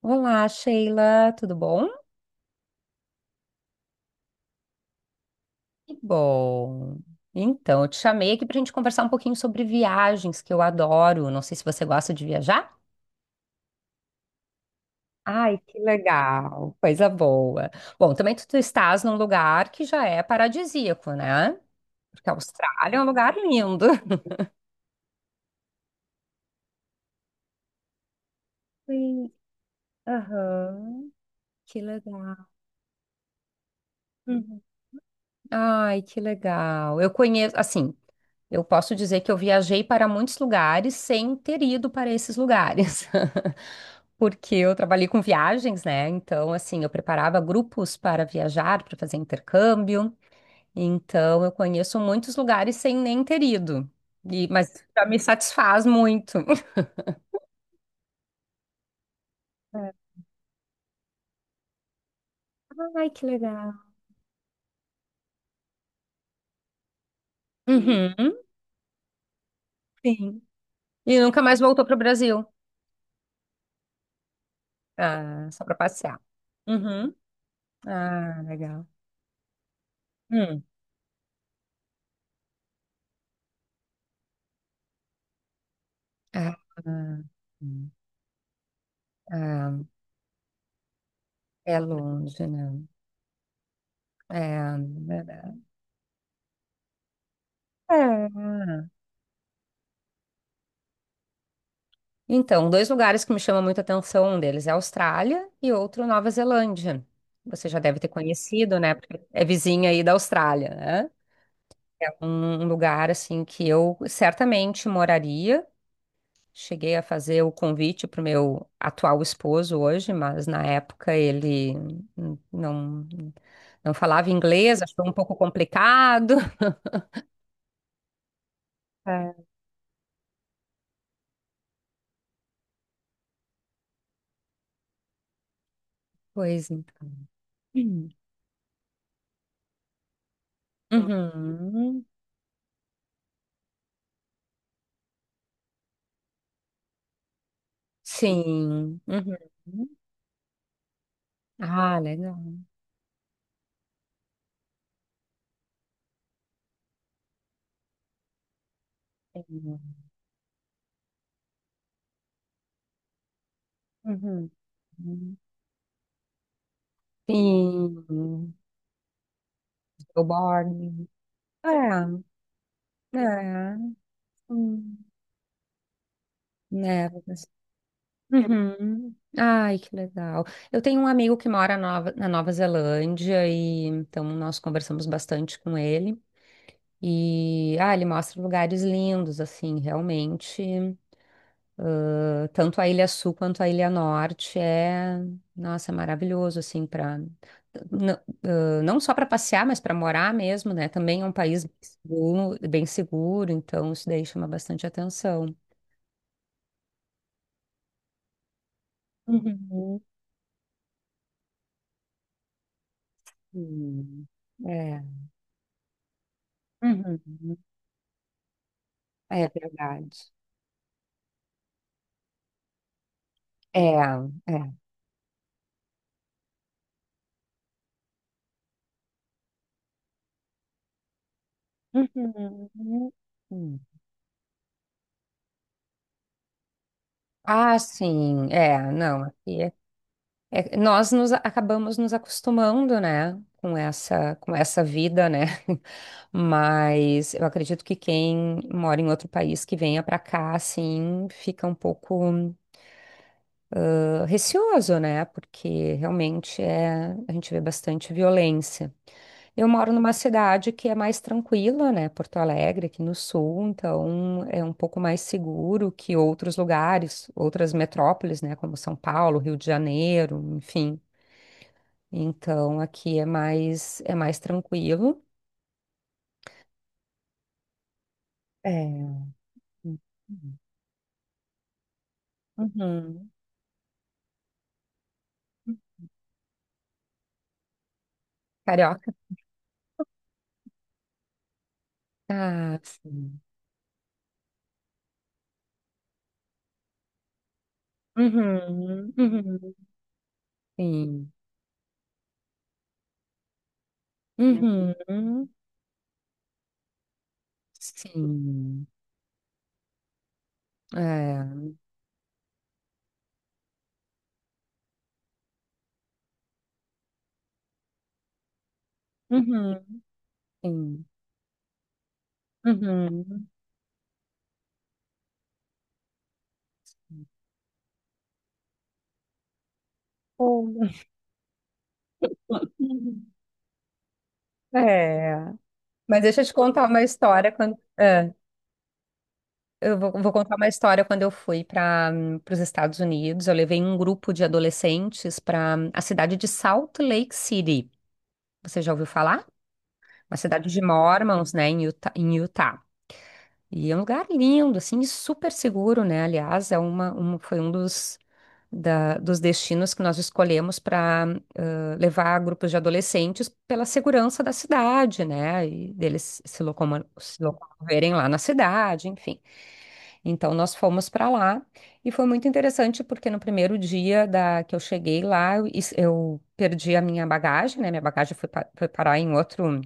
Olá, Sheila, tudo bom? Que bom. Então, eu te chamei aqui para a gente conversar um pouquinho sobre viagens, que eu adoro. Não sei se você gosta de viajar. Ai, que legal, coisa boa. Bom, também tu estás num lugar que já é paradisíaco, né? Porque a Austrália é um lugar lindo. Sim, aham, que legal. Ai, que legal. Eu conheço, assim, eu posso dizer que eu viajei para muitos lugares sem ter ido para esses lugares. Porque eu trabalhei com viagens, né? Então, assim, eu preparava grupos para viajar, para fazer intercâmbio. Então, eu conheço muitos lugares sem nem ter ido. E, mas isso já me satisfaz muito. É. Ai, que legal. Uhum, sim. E nunca mais voltou para o Brasil? Ah, só para passear. Uhum. Ah, legal. Ah, ah, é longe, né? É, verdade. É. Então, dois lugares que me chamam muita atenção, um deles é a Austrália e outro Nova Zelândia. Você já deve ter conhecido, né? Porque é vizinha aí da Austrália, né? É um lugar assim que eu certamente moraria. Cheguei a fazer o convite para o meu atual esposo hoje, mas na época ele hum, não não falava inglês, achou um pouco complicado. Pois então. Hum. Uhum. Sim. Uhum. Ah, legal. Legal. Uhum. Sim. Stillborn. É, é. Hum. Névoas. Uhum. Ai, que legal. Eu tenho um amigo que mora na Nova Zelândia e então nós conversamos bastante com ele. E ah, ele mostra lugares lindos, assim, realmente. Tanto a Ilha Sul quanto a Ilha Norte é, nossa, é maravilhoso assim para não, ah, não só para passear, mas para morar mesmo, né? Também é um país bem seguro, então isso daí chama bastante atenção. Uhum. Hum. É. Uhum. É verdade. É, é. Uhum. Hum. Ah, sim, é, não, aqui é. É, nós nos acabamos nos acostumando, né, com com essa vida, né? Mas eu acredito que quem mora em outro país que venha para cá, assim, fica um pouco receoso, né? Porque realmente é, a gente vê bastante violência. Eu moro numa cidade que é mais tranquila, né? Porto Alegre, aqui no sul, então é um pouco mais seguro que outros lugares, outras metrópoles, né? Como São Paulo, Rio de Janeiro, enfim. Então aqui é mais tranquilo. É. Uhum. Carioca? Ah, sim. Uhum, uhum, sim. Uhum, sim. É. Uhum, sim. Uhum. Oh. É. Mas deixa eu te contar uma história quando. É. Vou contar uma história quando eu fui para os Estados Unidos. Eu levei um grupo de adolescentes para a cidade de Salt Lake City. Você já ouviu falar? Uma cidade de Mormons, né, em Utah, em Utah. E é um lugar lindo, assim, e super seguro, né? Aliás, foi um dos destinos que nós escolhemos para levar grupos de adolescentes pela segurança da cidade, né? E deles se locomoverem lá na cidade, enfim. Então nós fomos para lá e foi muito interessante porque no primeiro dia da que eu cheguei lá, eu perdi a minha bagagem, né? Minha bagagem foi parar em outro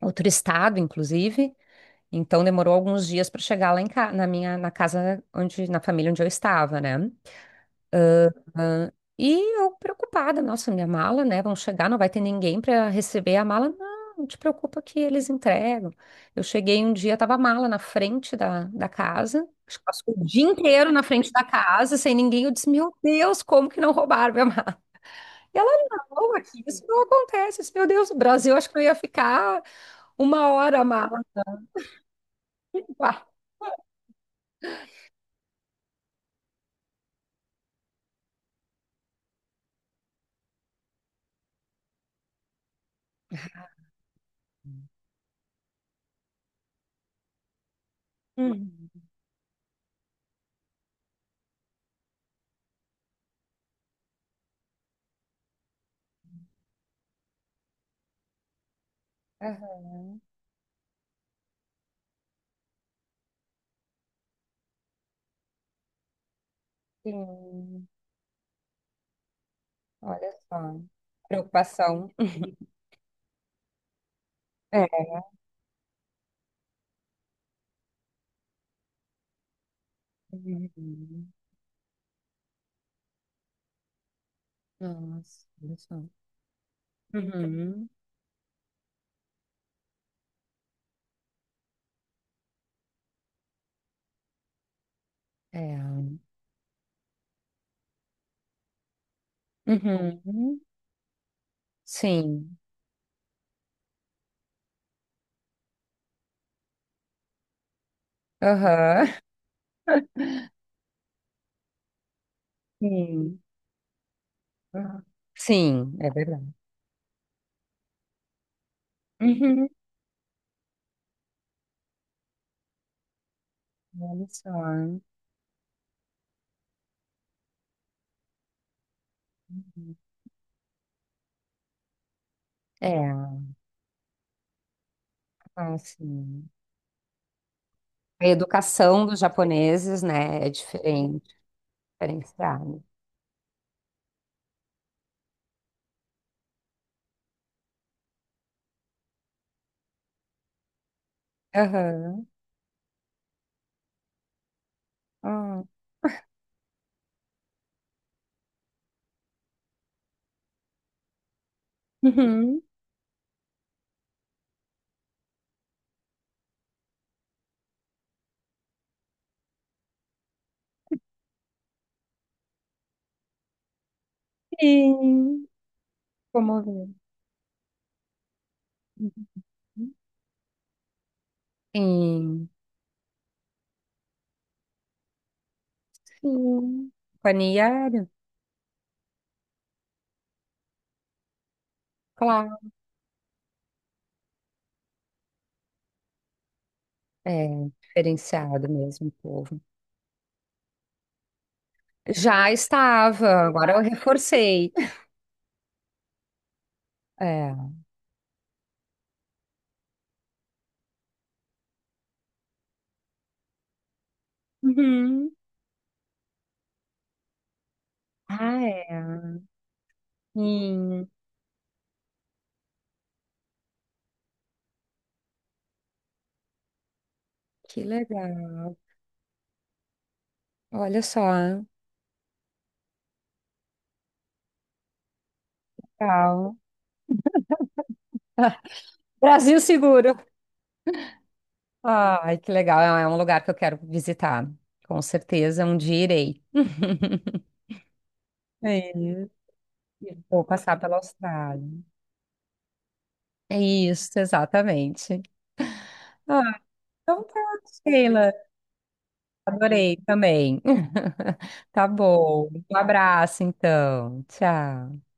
outro estado, inclusive. Então demorou alguns dias para chegar na minha na casa onde na família onde eu estava, né? E eu preocupada, nossa, minha mala, né? Vão chegar, não vai ter ninguém para receber a mala. Não, não te preocupa que eles entregam. Eu cheguei um dia, tava a mala na frente da casa, acho que passou o dia inteiro na frente da casa, sem ninguém. Eu disse, meu Deus, como que não roubaram minha mala? E ela, não, aqui isso não acontece. Eu disse, meu Deus, o Brasil, acho que eu ia ficar uma hora a mala. Uá. Hum. Aham, sim, olha só. Preocupação. É. Uhum. Nossa, olha só. Uhum. É. Uhum. Sim. Aham. Sim. Aham. Sim, é verdade. Uhum. Olha só. Uhum. É, assim. A educação dos japoneses, né, é diferente, diferenciada. Aham. Ah. Uhum. Sim. Comovente. Uhum. Sim. Sim. Companhia aérea, claro. É diferenciado mesmo o povo. Já estava, agora eu reforcei. É. Uhum. Ah, é. Sim, que legal. Olha só. Legal. Brasil seguro. Ai, que legal. É é um lugar que eu quero visitar. Com certeza, um dia irei. É. E vou passar pela Austrália. É isso, exatamente. Ah, então tá, Sheila. Adorei também. Tá bom. Um abraço, então. Tchau.